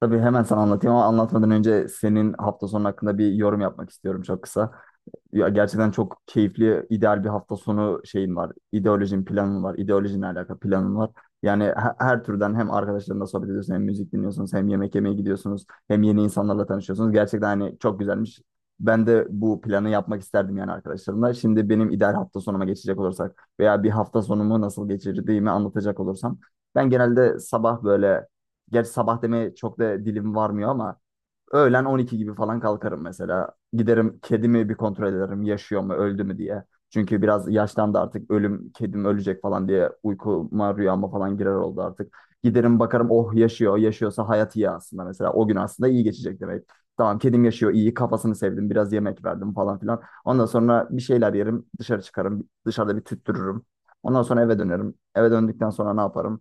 Tabii hemen sana anlatayım ama anlatmadan önce senin hafta sonu hakkında bir yorum yapmak istiyorum, çok kısa. Ya gerçekten çok keyifli, ideal bir hafta sonu şeyim var. İdeolojim planım var. İdeolojinle alakalı planım var. Yani her türden, hem arkadaşlarınla sohbet ediyorsun, hem müzik dinliyorsunuz, hem yemek yemeye gidiyorsunuz, hem yeni insanlarla tanışıyorsunuz. Gerçekten hani çok güzelmiş. Ben de bu planı yapmak isterdim yani arkadaşlarımla. Şimdi benim ideal hafta sonuma geçecek olursak veya bir hafta sonumu nasıl geçirdiğimi anlatacak olursam ben genelde sabah böyle. Gerçi sabah demeye çok da dilim varmıyor ama öğlen 12 gibi falan kalkarım mesela. Giderim, kedimi bir kontrol ederim, yaşıyor mu öldü mü diye. Çünkü biraz yaşlandı artık, ölüm kedim ölecek falan diye uykuma rüyama falan girer oldu artık. Giderim bakarım, oh yaşıyor, yaşıyorsa hayat iyi aslında, mesela o gün aslında iyi geçecek demek. Tamam kedim yaşıyor iyi, kafasını sevdim, biraz yemek verdim falan filan. Ondan sonra bir şeyler yerim, dışarı çıkarım, dışarıda bir tüttürürüm. Ondan sonra eve dönerim. Eve döndükten sonra ne yaparım?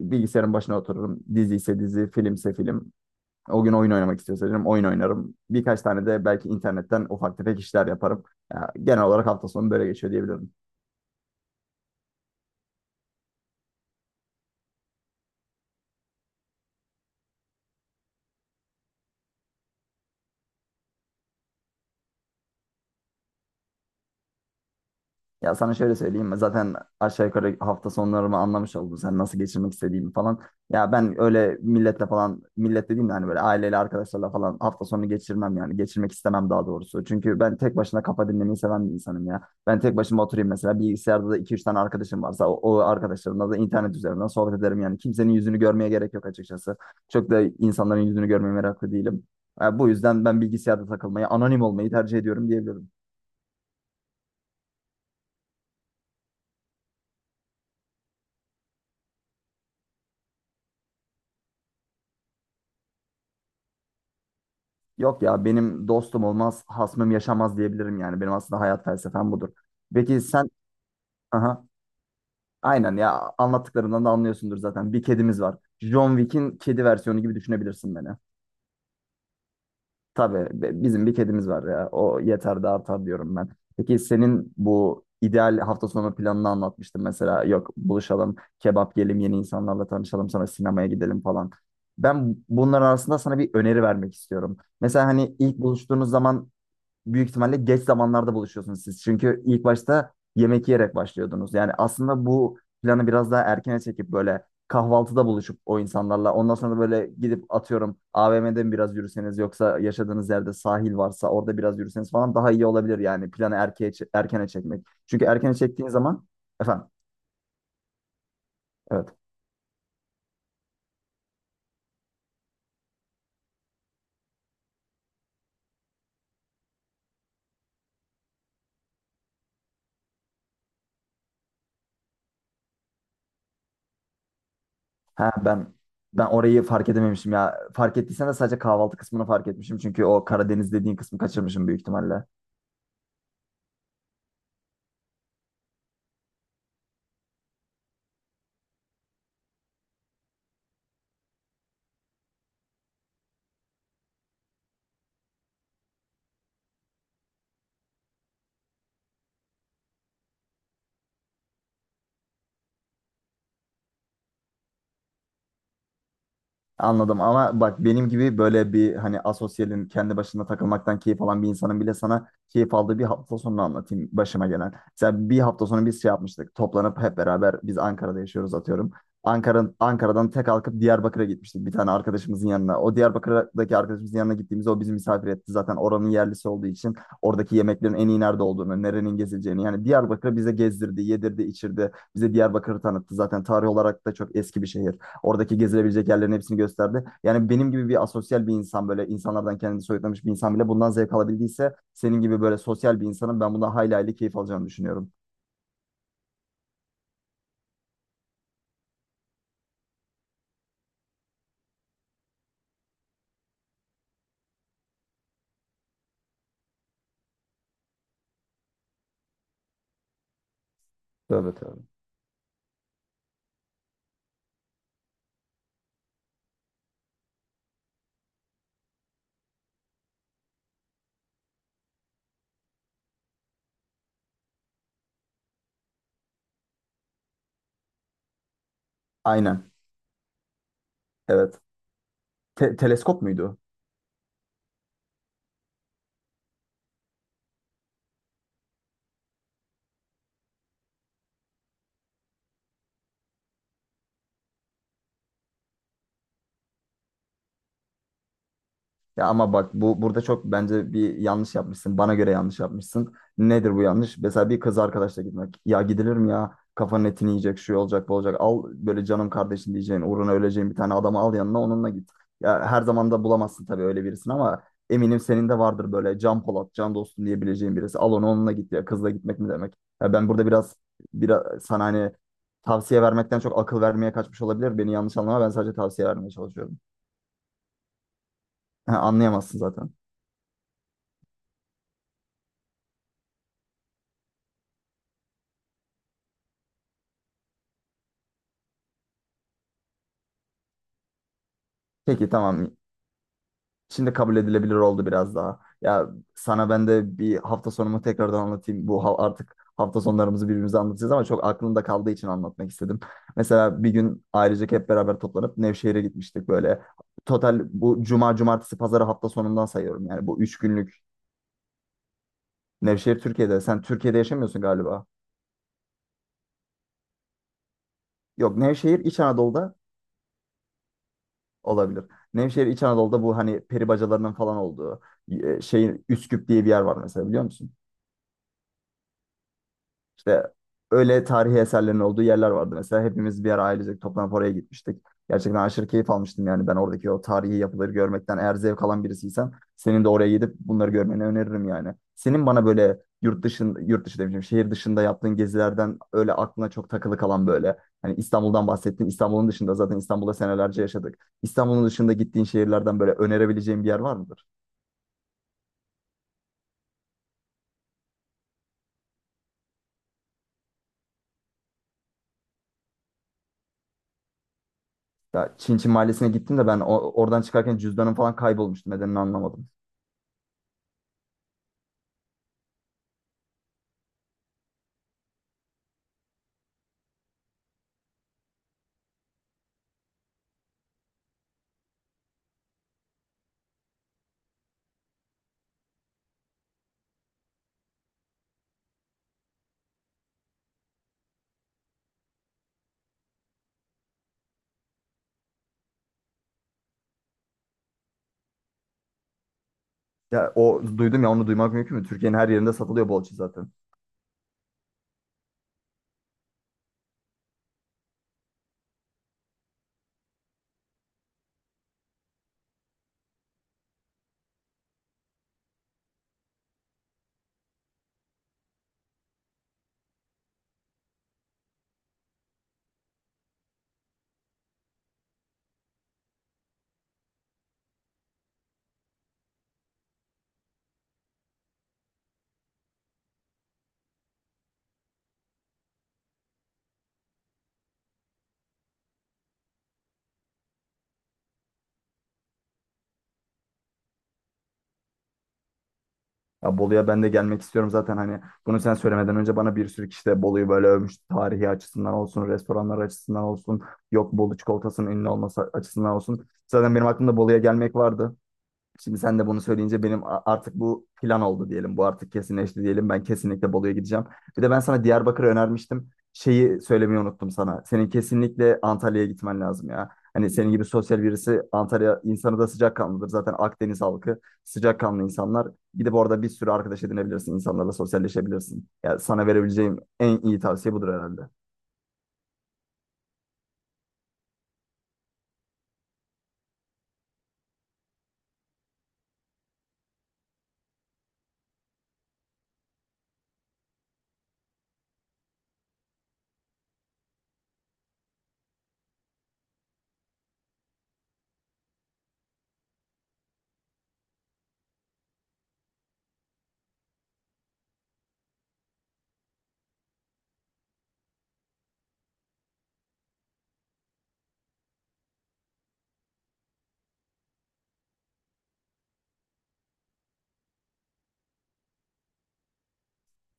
Bilgisayarın başına otururum. Dizi ise dizi, film ise film. O gün oyun oynamak istiyorsam oyun oynarım. Birkaç tane de belki internetten ufak tefek işler yaparım. Ya, genel olarak hafta sonu böyle geçiyor diyebilirim. Ya sana şöyle söyleyeyim mi? Zaten aşağı yukarı hafta sonlarımı anlamış oldun. Sen nasıl geçirmek istediğimi falan. Ya ben öyle milletle falan, millet dediğim de hani böyle aileyle, arkadaşlarla falan hafta sonu geçirmem yani. Geçirmek istemem daha doğrusu. Çünkü ben tek başına kafa dinlemeyi seven bir insanım ya. Ben tek başıma oturayım mesela. Bilgisayarda da 2-3 tane arkadaşım varsa o arkadaşlarımla da internet üzerinden sohbet ederim yani. Kimsenin yüzünü görmeye gerek yok açıkçası. Çok da insanların yüzünü görmeye meraklı değilim. Ya bu yüzden ben bilgisayarda takılmayı, anonim olmayı tercih ediyorum diyebilirim. Yok ya, benim dostum olmaz, hasmım yaşamaz diyebilirim yani. Benim aslında hayat felsefem budur. Peki sen, aha aynen ya, anlattıklarından da anlıyorsundur zaten. Bir kedimiz var. John Wick'in kedi versiyonu gibi düşünebilirsin beni. Tabii bizim bir kedimiz var ya. O yeter de artar diyorum ben. Peki senin bu ideal hafta sonu planını anlatmıştın mesela. Yok buluşalım, kebap yiyelim, yeni insanlarla tanışalım, sonra sinemaya gidelim falan. Ben bunların arasında sana bir öneri vermek istiyorum. Mesela hani ilk buluştuğunuz zaman büyük ihtimalle geç zamanlarda buluşuyorsunuz siz. Çünkü ilk başta yemek yiyerek başlıyordunuz. Yani aslında bu planı biraz daha erkene çekip böyle kahvaltıda buluşup o insanlarla, ondan sonra da böyle gidip atıyorum AVM'de mi biraz yürüseniz, yoksa yaşadığınız yerde sahil varsa orada biraz yürüseniz falan, daha iyi olabilir yani. Planı erkene çekmek. Çünkü erkene çektiğin zaman efendim? Evet. Ha ben orayı fark edememişim ya. Fark ettiysen de sadece kahvaltı kısmını fark etmişim. Çünkü o Karadeniz dediğin kısmı kaçırmışım büyük ihtimalle. Anladım ama bak, benim gibi böyle bir hani asosyalin, kendi başına takılmaktan keyif alan bir insanın bile, sana keyif aldığı bir hafta sonunu anlatayım başıma gelen. Mesela bir hafta sonu biz şey yapmıştık, toplanıp hep beraber, biz Ankara'da yaşıyoruz atıyorum. Ankara'dan tek kalkıp Diyarbakır'a gitmiştik, bir tane arkadaşımızın yanına. O Diyarbakır'daki arkadaşımızın yanına gittiğimizde o bizi misafir etti. Zaten oranın yerlisi olduğu için oradaki yemeklerin en iyi nerede olduğunu, nerenin gezileceğini, yani Diyarbakır'ı bize gezdirdi, yedirdi, içirdi. Bize Diyarbakır'ı tanıttı. Zaten tarih olarak da çok eski bir şehir. Oradaki gezilebilecek yerlerin hepsini gösterdi. Yani benim gibi bir asosyal bir insan, böyle insanlardan kendini soyutlamış bir insan bile bundan zevk alabildiyse, senin gibi böyle sosyal bir insanın ben bundan hayli hayli keyif alacağını düşünüyorum. Tövbe tövbe. Aynen. Evet. Teleskop muydu? Ya ama bak bu burada çok, bence bir yanlış yapmışsın. Bana göre yanlış yapmışsın. Nedir bu yanlış? Mesela bir kız arkadaşla gitmek. Ya gidilir mi ya? Kafanın etini yiyecek, şu olacak, bu olacak. Al böyle canım kardeşim diyeceğin, uğruna öleceğin bir tane adamı al yanına, onunla git. Ya her zaman da bulamazsın tabii öyle birisini ama eminim senin de vardır böyle can Polat, can dostum diyebileceğin birisi. Al onu, onunla git ya. Kızla gitmek mi demek? Ya ben burada biraz sana hani tavsiye vermekten çok akıl vermeye kaçmış olabilir. Beni yanlış anlama. Ben sadece tavsiye vermeye çalışıyorum. Anlayamazsın zaten. Peki tamam. Şimdi kabul edilebilir oldu biraz daha. Ya sana ben de bir hafta sonumu tekrardan anlatayım. Bu artık hafta sonlarımızı birbirimize anlatacağız ama çok aklımda kaldığı için anlatmak istedim. Mesela bir gün ailecek hep beraber toplanıp Nevşehir'e gitmiştik böyle. Total bu cuma, cumartesi, pazarı hafta sonundan sayıyorum. Yani bu üç günlük. Nevşehir Türkiye'de. Sen Türkiye'de yaşamıyorsun galiba. Yok, Nevşehir İç Anadolu'da olabilir. Nevşehir İç Anadolu'da, bu hani peri bacalarının falan olduğu şey, Üsküp diye bir yer var mesela, biliyor musun? İşte öyle tarihi eserlerin olduğu yerler vardı. Mesela hepimiz bir ara ailecek toplanıp oraya gitmiştik. Gerçekten aşırı keyif almıştım yani, ben oradaki o tarihi yapıları görmekten. Eğer zevk alan birisiysen senin de oraya gidip bunları görmeni öneririm yani. Senin bana böyle yurt dışında, yurt dışı demişim, şehir dışında yaptığın gezilerden öyle aklına çok takılı kalan böyle. Hani İstanbul'dan bahsettin. İstanbul'un dışında, zaten İstanbul'da senelerce yaşadık. İstanbul'un dışında gittiğin şehirlerden böyle önerebileceğin bir yer var mıdır? Ya Çinçin Mahallesi'ne gittim de ben oradan çıkarken cüzdanım falan kaybolmuştu. Nedenini anlamadım. Ya o duydum ya, onu duymak mümkün mü? Türkiye'nin her yerinde satılıyor bolça zaten. Ya Bolu'ya ben de gelmek istiyorum zaten, hani bunu sen söylemeden önce bana bir sürü kişi de Bolu'yu böyle övmüş. Tarihi açısından olsun, restoranlar açısından olsun, yok Bolu çikolatasının ünlü olması açısından olsun. Zaten benim aklımda Bolu'ya gelmek vardı. Şimdi sen de bunu söyleyince benim artık bu plan oldu diyelim. Bu artık kesinleşti diyelim. Ben kesinlikle Bolu'ya gideceğim. Bir de ben sana Diyarbakır'ı önermiştim. Şeyi söylemeyi unuttum sana. Senin kesinlikle Antalya'ya gitmen lazım ya. Hani senin gibi sosyal birisi, Antalya insanı da sıcakkanlıdır. Zaten Akdeniz halkı sıcakkanlı insanlar. Gidip orada bir sürü arkadaş edinebilirsin. İnsanlarla sosyalleşebilirsin. Ya sana verebileceğim en iyi tavsiye budur herhalde.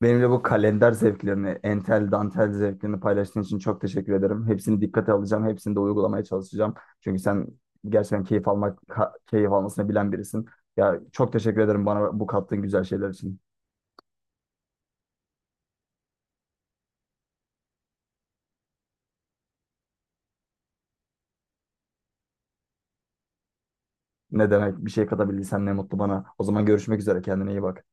Benimle bu kalender zevklerini, entel dantel zevklerini paylaştığın için çok teşekkür ederim. Hepsini dikkate alacağım, hepsini de uygulamaya çalışacağım. Çünkü sen gerçekten keyif almak, keyif almasını bilen birisin. Ya çok teşekkür ederim bana bu kattığın güzel şeyler için. Ne demek, bir şey katabildiysem ne mutlu bana. O zaman görüşmek üzere, kendine iyi bak.